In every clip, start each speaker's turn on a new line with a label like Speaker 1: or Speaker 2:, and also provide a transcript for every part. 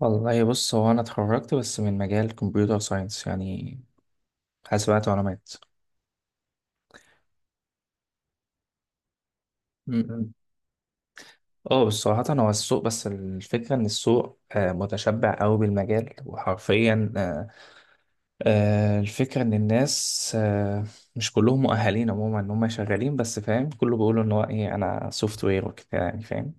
Speaker 1: والله، بص، هو انا اتخرجت بس من مجال كمبيوتر ساينس، يعني حاسبات ومعلومات. م. اه، بس صراحة هو السوق، بس الفكرة ان السوق متشبع قوي بالمجال، وحرفيا الفكرة ان الناس مش كلهم مؤهلين عموما ان هم شغالين، بس فاهم كله بيقولوا ان هو ايه، انا سوفت وير وكده، يعني فاهم.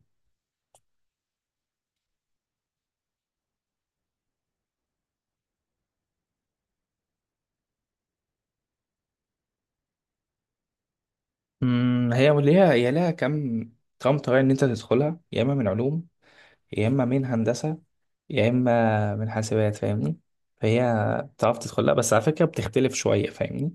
Speaker 1: م، هي ليها هي ليها كم، كم طريقة ان انت تدخلها، يا اما من علوم، يا اما من هندسة، يا اما من حاسبات، فاهمني؟ فهي بتعرف تدخلها، بس على فكره بتختلف شويه، فاهمني؟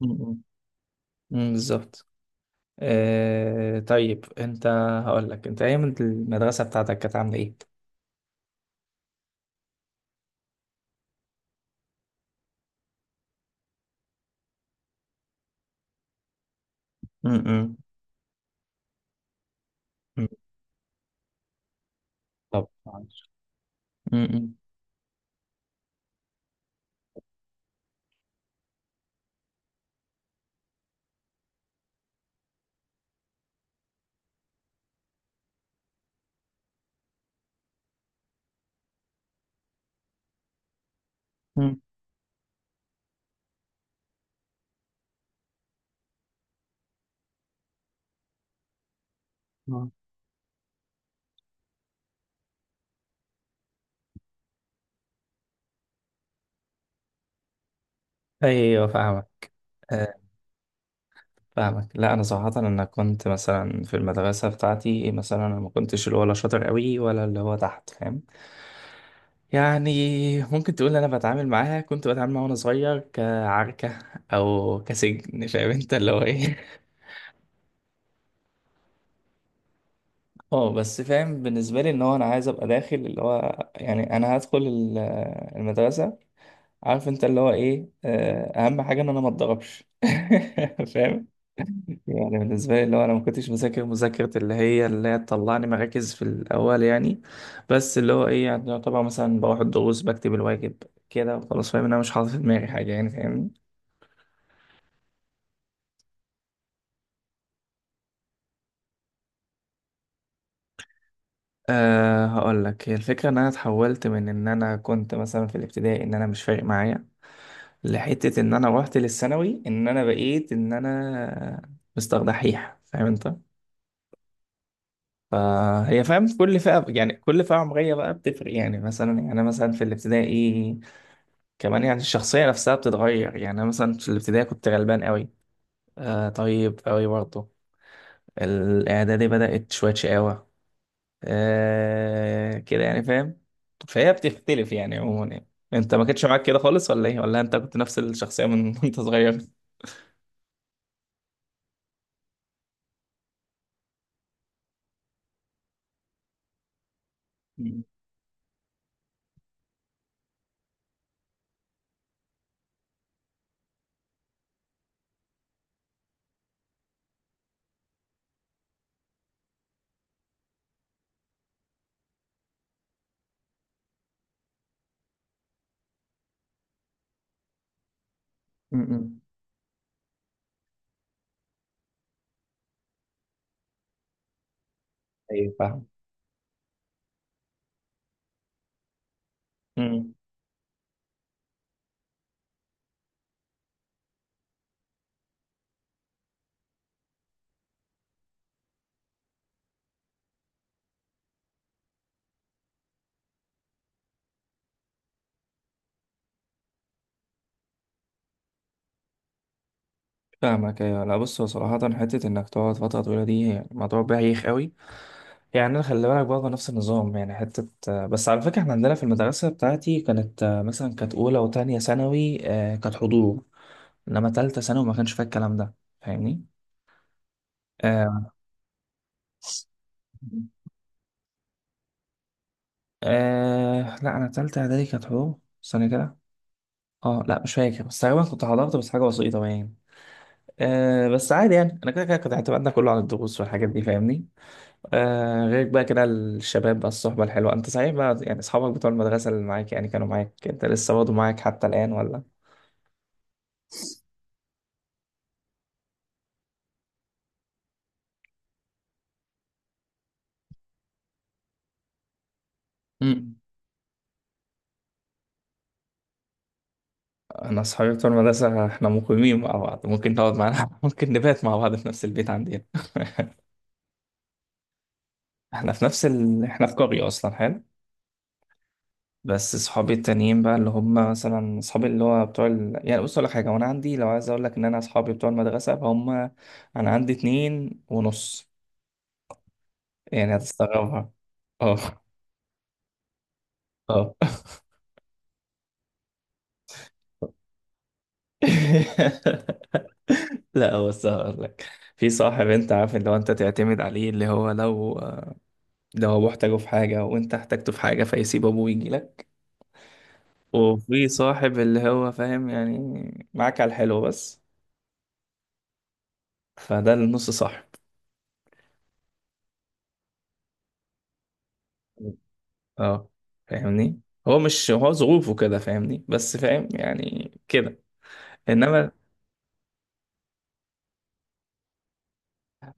Speaker 1: م-. امم، بالظبط. آه طيب، انت هقول لك انت ايام المدرسه بتاعتك كانت عامله ايه؟ م. م-. م. طب معلش. امم. م. آه. ايوه فاهمك. آه، فاهمك. لا انا صراحه، انا كنت مثلا في المدرسه بتاعتي مثلا انا ما كنتش اللي هو لا شاطر قوي، ولا اللي هو تحت، فاهم يعني. ممكن تقول انا بتعامل معاها، كنت بتعامل معاها وانا صغير كعركة او كسجن، فاهم انت اللي هو ايه؟ اه، بس فاهم بالنسبة لي ان هو انا عايز ابقى داخل اللي هو يعني انا هدخل المدرسة، عارف انت اللي هو ايه، اهم حاجة ان انا ما اتضربش. فاهم؟ يعني بالنسبة لي اللي هو انا ما كنتش مذاكر مذاكرة اللي هي، اللي هي تطلعني مراكز في الاول يعني. بس اللي هو ايه، يعني طبعا مثلا بروح الدروس، بكتب الواجب كده وخلاص، فاهم ان انا مش حاطط في دماغي حاجة، يعني فاهمني. أه، هقول لك، هي الفكرة ان انا اتحولت من ان انا كنت مثلا في الابتدائي ان انا مش فارق معايا، لحتة ان انا روحت للثانوي ان انا بقيت ان انا مستر دحيح، فاهم انت؟ فهي فاهم كل فئة، يعني كل فئة عمرية بقى بتفرق يعني، مثلا يعني أنا مثلا في الابتدائي كمان، يعني الشخصية نفسها بتتغير، يعني أنا مثلا في الابتدائي كنت غلبان قوي، آه طيب قوي برضه. الإعدادي بدأت شوية شقاوة، آه كده يعني فاهم. فهي بتختلف يعني عموما يعني. انت ما كنتش معاك كده خالص ولا ايه، ولا انت كنت نفس الشخصية من وانت صغير؟ مم. م-م. ايوه فاهم. امم، فاهمك. ايوه. لا بص، هو صراحة حتة انك تقعد فترة طويلة دي يعني موضوع بايخ قوي. يعني انا خلي بالك برضه نفس النظام، يعني حتة بس على فكرة احنا عندنا في المدرسة بتاعتي كانت مثلا كانت اولى وتانية ثانوي كانت حضور، انما تالتة ثانوي ما كانش فيها الكلام ده، فاهمني؟ آه، آه لا، انا تالتة اعدادي كانت حضور، استنى كده. اه لا مش فاكر، بس تقريبا كنت حضرت بس حاجة بسيطة يعني. آه بس عادي يعني، انا كده كده كنت اعتمدنا كله على الدروس والحاجات دي، فاهمني؟ آه غير بقى كده الشباب بقى، الصحبة الحلوة انت صحيح بقى، يعني اصحابك بتوع المدرسة اللي معاك، يعني كانوا معاك، انت لسه برضه معاك حتى الآن ولا؟ مم. انا اصحابي بتوع المدرسة احنا مقيمين مع بعض، ممكن نقعد معانا ممكن نبات مع بعض في نفس البيت عندنا. احنا في نفس احنا في قرية اصلا، حلو. بس صحابي التانيين بقى اللي هم مثلا صحابي اللي هو بتوع يعني بص اقول لك حاجه، وانا عندي، لو عايز اقول لك ان انا اصحابي بتوع المدرسه، فهم انا عندي اتنين ونص، يعني هتستغربها. اه. اه. لا بس هقول لك، في صاحب انت عارف اللي هو انت تعتمد عليه، اللي هو لو ابوه احتاجه في حاجه وانت احتجته في حاجه، فيسيب ابوه ويجي لك. وفي صاحب اللي هو فاهم يعني معاك على الحلو بس، فده النص صاحب. اه، فاهمني. هو مش، هو ظروفه كده فاهمني، بس فاهم يعني كده. انما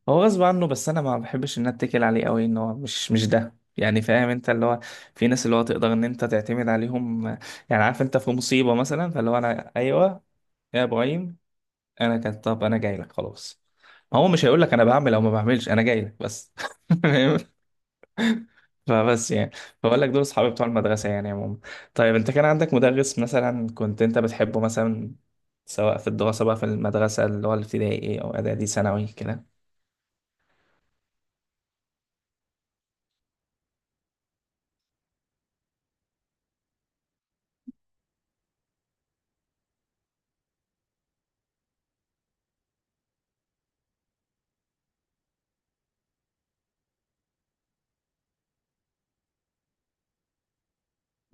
Speaker 1: هو غصب عنه، بس انا ما بحبش ان أنا اتكل عليه قوي، ان هو مش ده يعني، فاهم انت اللي هو في ناس اللي هو تقدر ان انت تعتمد عليهم، يعني عارف انت في مصيبة مثلا، فاللي هو انا ايوه، يا ابراهيم، انا كان، طب انا جاي لك خلاص. ما هو مش هيقول لك انا بعمل او ما بعملش، انا جاي لك بس. فبس يعني بقول لك دول اصحابي بتوع المدرسه يعني عموما. طيب انت كان عندك مدرس مثلا كنت انت بتحبه مثلا، سواء في الدراسه بقى في المدرسه، اللي هو الابتدائي او اعدادي ثانوي كده؟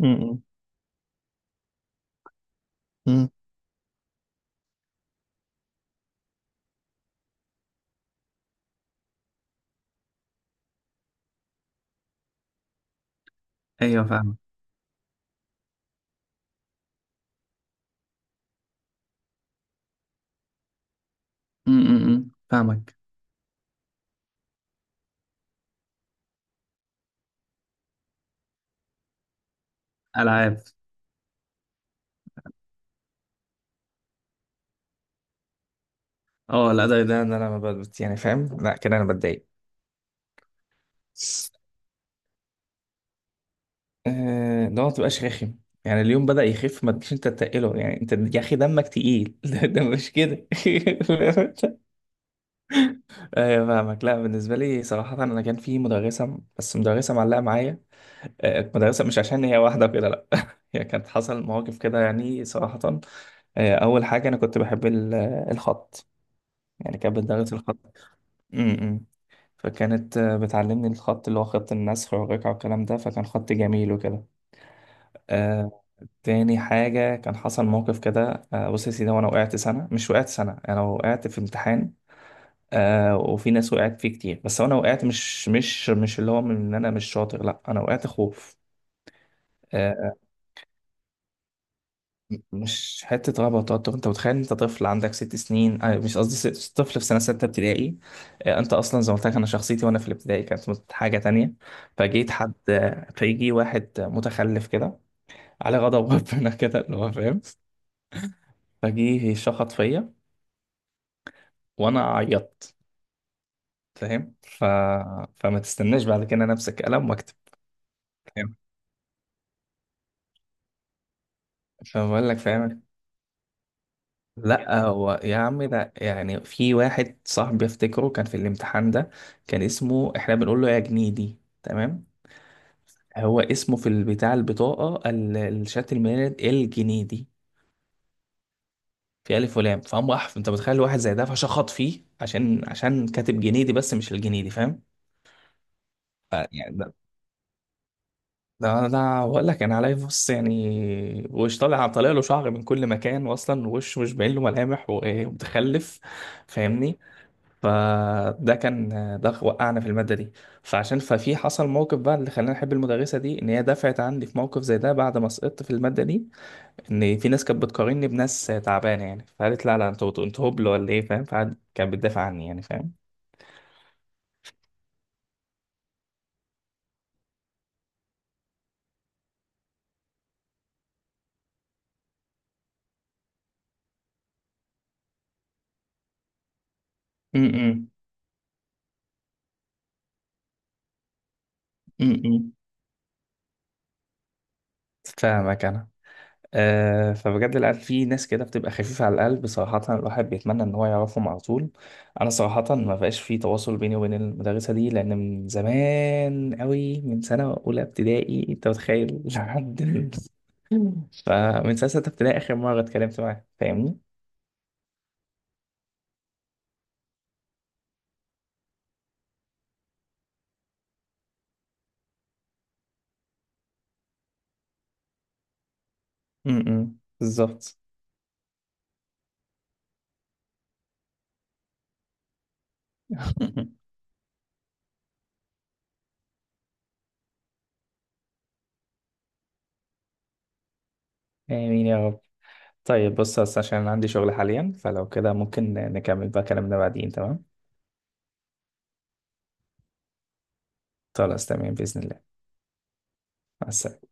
Speaker 1: امم. امم. ايوه فاهمك. امم، فاهمك. العاب. اه لا ده ده إن انا ما بت- يعني فاهم، لا كده انا بتضايق. اللي هو ما تبقاش رخم، يعني اليوم بدأ يخف، ما تجيش انت تتقله، يعني انت يا اخي دمك تقيل. ده مش كده. ايوه فاهمك. لا بالنسبه لي صراحه انا كان في مدرسه، بس مدرسه معلقه معايا، مدرسه مش عشان هي واحده كده لا، هي كانت حصل مواقف كده يعني صراحه. اول حاجه انا كنت بحب الخط، يعني كانت بتدرس الخط. امم. فكانت بتعلمني الخط اللي هو خط النسخ والرقعه والكلام ده، فكان خط جميل وكده. آه، تاني حاجة كان حصل موقف كده، بص يا سيدي، وانا وقعت سنة مش وقعت سنة، انا وقعت في امتحان. آه وفي ناس وقعت فيه كتير، بس انا وقعت، مش اللي هو من ان انا مش شاطر، لا انا وقعت خوف. آه مش حته رهبه وتوتر، انت متخيل انت طفل عندك 6 سنين، آه مش قصدي ست، طفل في سنه 6 ابتدائي. آه انت اصلا زي ما قلت لك انا شخصيتي وانا في الابتدائي كانت حاجه تانية. فجيت حد، فيجي واحد متخلف كده على غضب ربنا كده، اللي هو فاهم. فجيه شخط فيا، وانا عيطت، فاهم فما تستناش بعد كده انا امسك قلم واكتب، فاهم؟ فبقول لك فاهم، لا هو يا عم ده يعني في واحد صاحبي افتكره كان في الامتحان ده، كان اسمه، احنا بنقول له يا جنيدي، تمام؟ هو اسمه في البتاع، البطاقة الشهادة الميلاد، الجنيدي، في ألف ولام، فهم أحف، أنت متخيل واحد زي ده فشخط فيه عشان، عشان كاتب جنيدي بس مش الجنيدي، فاهم؟ ف- يعني ده ده بقول لك أنا عليه، بص يعني، وش طالع، طالع له شعر من كل مكان، وأصلا وشه مش باين له ملامح، ومتخلف، فاهمني؟ فده كان، ده وقعنا في المادة دي. فعشان ففي حصل موقف بقى اللي خلاني أحب المدرسة دي، إن هي دفعت عني في موقف زي ده بعد ما سقطت في المادة دي، إن في ناس كانت بتقارني بناس تعبانة يعني، فقالت لا لا، أنتوا أنتوا هبل ولا إيه، فاهم؟ فقعد كانت بتدافع عني يعني، فاهم. م- م- م. فاهمك أنا. فبجد العيال في ناس كده بتبقى خفيفة على القلب صراحة، الواحد بيتمنى إن هو يعرفهم على طول. أنا صراحة ما بقاش في تواصل بيني وبين المدرسة دي، لأن من زمان أوي، من سنة أولى ابتدائي، أنت متخيل؟ لحد فمن سنة 6 ابتدائي آخر مرة اتكلمت معاه، فاهمني؟ م-م. بالظبط. آمين يا رب. طيب بص، بس عشان أنا عندي شغل حاليا، فلو كده ممكن نكمل بقى كلامنا بعدين، تمام؟ خلاص تمام، بإذن الله. مع السلامة.